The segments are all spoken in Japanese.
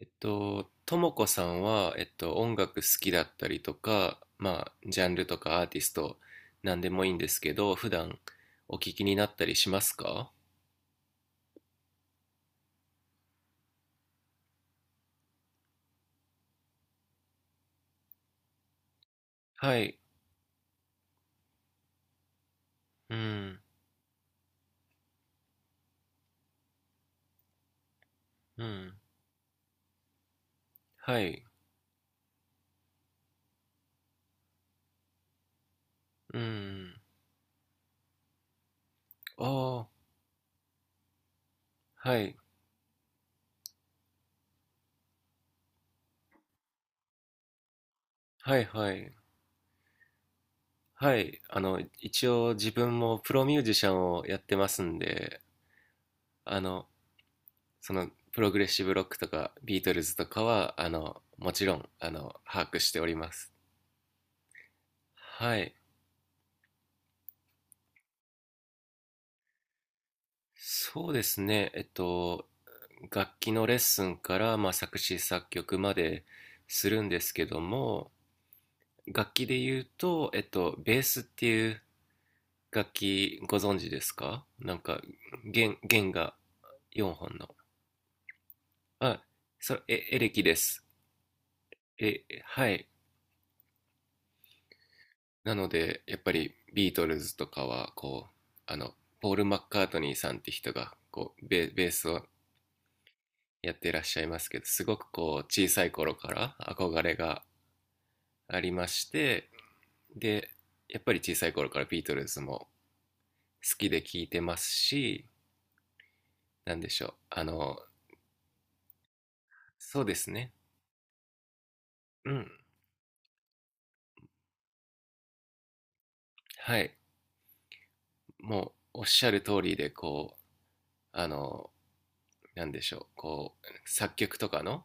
ともこさんは、音楽好きだったりとか、まあ、ジャンルとかアーティスト、なんでもいいんですけど、普段お聞きになったりしますか？はい。うん。うん。はい。うん。ああ。はい。はい。はい。はい。一応自分もプロミュージシャンをやってますんで、あの、そのプログレッシブロックとかビートルズとかはもちろん把握しております。はい。そうですね。楽器のレッスンから、まあ、作詞作曲までするんですけども、楽器で言うと、ベースっていう楽器、ご存知ですか？なんか弦が4本の、あ、それエレキです。はい。なので、やっぱりビートルズとかは、こう、あの、ポール・マッカートニーさんって人が、こう、ベースをやってらっしゃいますけど、すごくこう、小さい頃から憧れがありまして、で、やっぱり小さい頃からビートルズも好きで聴いてますし、なんでしょう、そうですね、うん、はい、もうおっしゃる通りで、こう、あの、なんでしょう、こう、作曲とかの、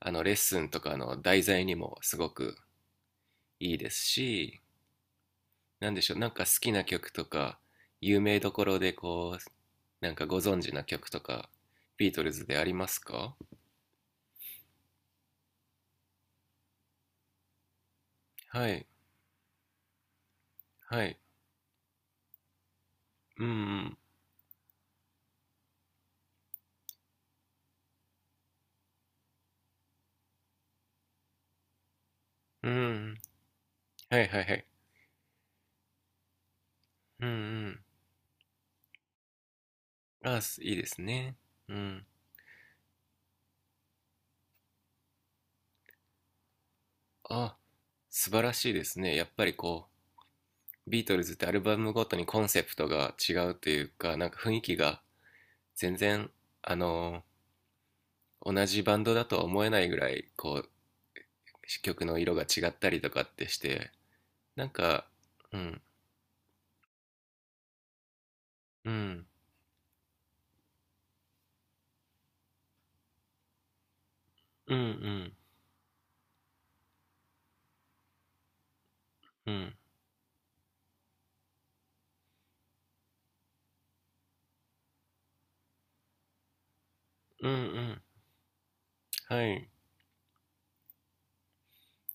レッスンとかの題材にもすごくいいですし、なんでしょう、なんか好きな曲とか、有名どころでこう、なんかご存知な曲とか、ビートルズでありますか？はい。はい。うん。うん。うん。はい、はい、はい。うん。うん。あ、すいいですね。うん。あ、素晴らしいですね。やっぱりこう、ビートルズってアルバムごとにコンセプトが違うというか、なんか雰囲気が全然、あの同じバンドだとは思えないぐらいこう曲の色が違ったりとかってして、なんか、うん、うん、うん、うん、うん、うん、うん。はい。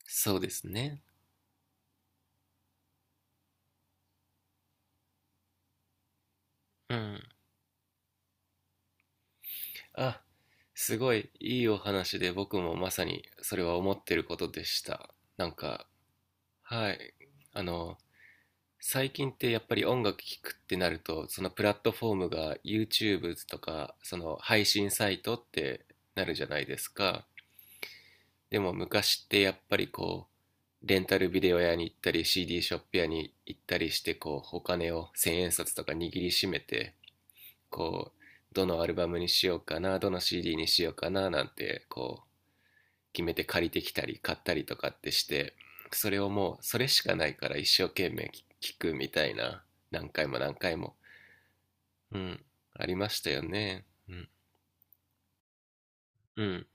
そうですね。うん。あ、すごいいいお話で、僕もまさにそれは思ってることでした。なんか、はい、あの最近ってやっぱり音楽聴くってなると、そのプラットフォームが YouTube とかその配信サイトってなるじゃないですか。でも昔ってやっぱりこう、レンタルビデオ屋に行ったり CD ショップ屋に行ったりしてこう、お金を千円札とか握りしめて、こう、どのアルバムにしようかな、どの CD にしようかななんてこう、決めて借りてきたり買ったりとかってして、それをもうそれしかないから一生懸命聞くみたいな、何回も何回も。うん、ありましたよね。うん。うん。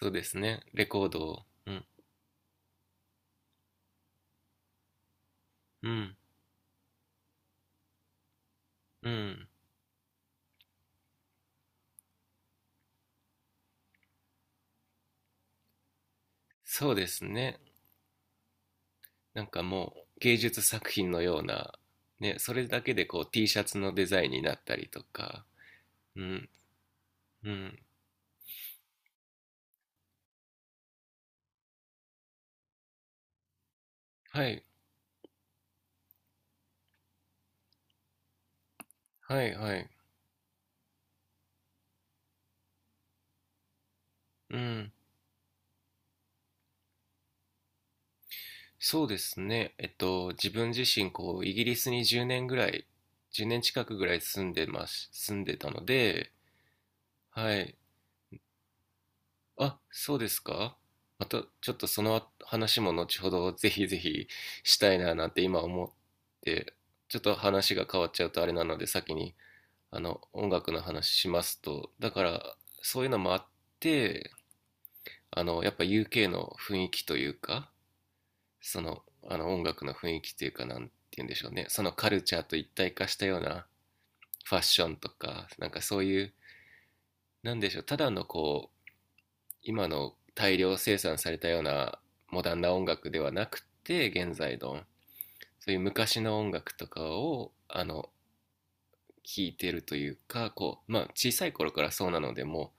そうですね。レコードを。うん。うん。うん。そうですね。なんかもう芸術作品のような、ね、それだけでこう T シャツのデザインになったりとか。うん。うん。はい。はい。はい。うん。そうですね、自分自身こうイギリスに10年ぐらい、10年近くぐらい住んでます、住んでたので、はい、あ、そうですか。またちょっとその話も後ほどぜひぜひしたいななんて今思って、ちょっと話が変わっちゃうとあれなので、先にあの音楽の話しますと、だから、そういうのもあって、やっぱ UK の雰囲気というか、その音楽の雰囲気というか、なんて言うんでしょうね、そのカルチャーと一体化したようなファッションとか、なんかそういう、なんでしょう、ただのこう今の大量生産されたようなモダンな音楽ではなくて、現在のそういう昔の音楽とかを聴いてるというかこう、まあ、小さい頃からそうなのでも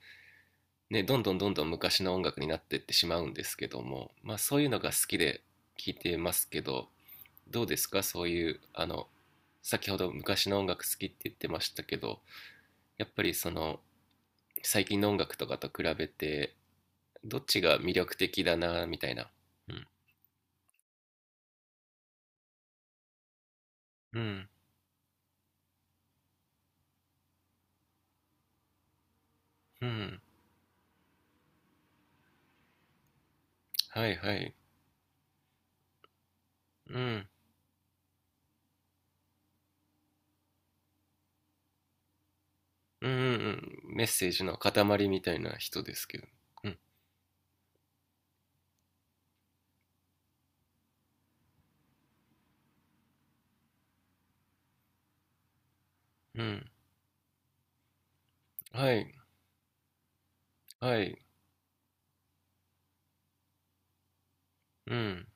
ね、どんどんどんどん昔の音楽になっていってしまうんですけども、まあ、そういうのが好きで聴いてますけど、どうですか？そういう先ほど昔の音楽好きって言ってましたけど、やっぱりその最近の音楽とかと比べてどっちが魅力的だな、みたいな。うん、うん、うん。はい、はい。うん、うん、うん、うん。メッセージの塊みたいな人ですけど。うん、うん。はい、はい。うん、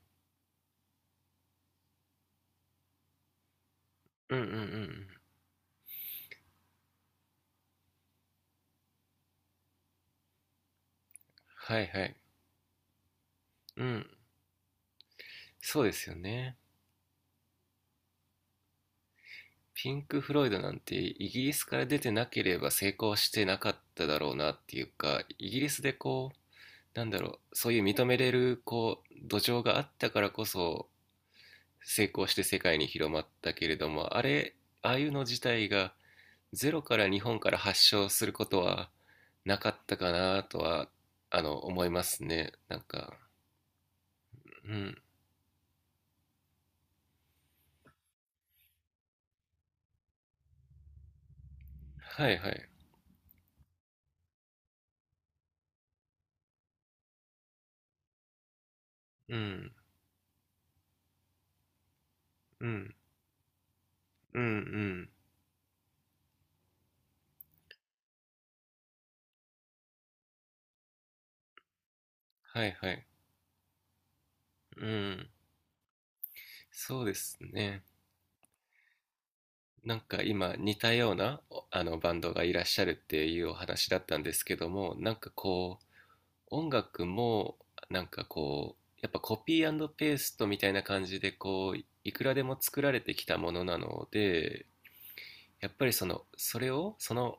うん、うん、うん、うん。はい、はい。うん。そうですよね。ピンク・フロイドなんてイギリスから出てなければ成功してなかっただろうなっていうか、イギリスでこう、なんだろう、そういう認めれるこう土壌があったからこそ成功して世界に広まったけれども、あれ、ああいうの自体がゼロから日本から発祥することはなかったかなとは、思いますね。なんか、うん。はい、はい。うん。うん。うん、うん。はい、はい。うん。そうですね。なんか今似たようなあのバンドがいらっしゃるっていうお話だったんですけども、なんかこう音楽もなんかこうやっぱコピーペーストみたいな感じでこういくらでも作られてきたものなので、やっぱりそのそれをその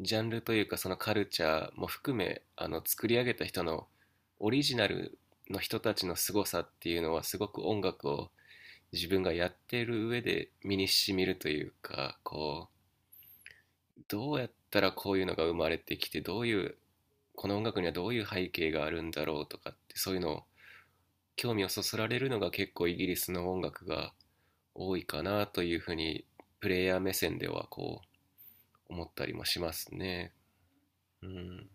ジャンルというかそのカルチャーも含め作り上げた人のオリジナルの人たちの凄さっていうのはすごく、音楽を自分がやっている上で身にしみるというかこう、どうやったらこういうのが生まれてきて、どういうこの音楽にはどういう背景があるんだろうとかって、そういうのを興味をそそられるのが結構イギリスの音楽が多いかなというふうに、プレイヤー目線ではこう思ったりもしますね。うん、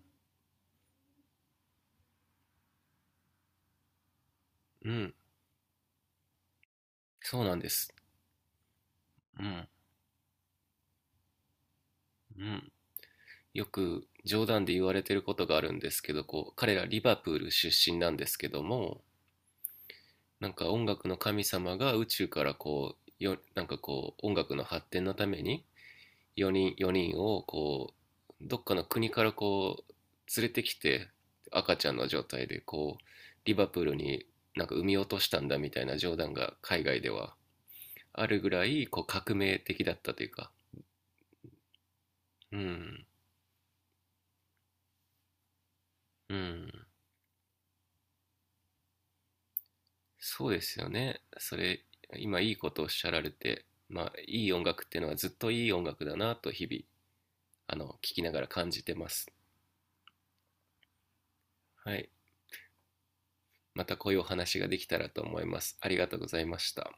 うん、そうなんです。うん、うん。よく冗談で言われてることがあるんですけど、こう彼らリバプール出身なんですけども、なんか音楽の神様が宇宙からこうよ、なんかこう音楽の発展のために4人 ,4 人をこうどっかの国からこう連れてきて、赤ちゃんの状態でこうリバプールになんか産み落としたんだみたいな冗談が海外ではあるぐらいこう革命的だったというか。うん、うん。そうですよね、それ。今いいことをおっしゃられて、まあいい音楽っていうのはずっといい音楽だなと、日々聞きながら感じてます。はい。またこういうお話ができたらと思います。ありがとうございました。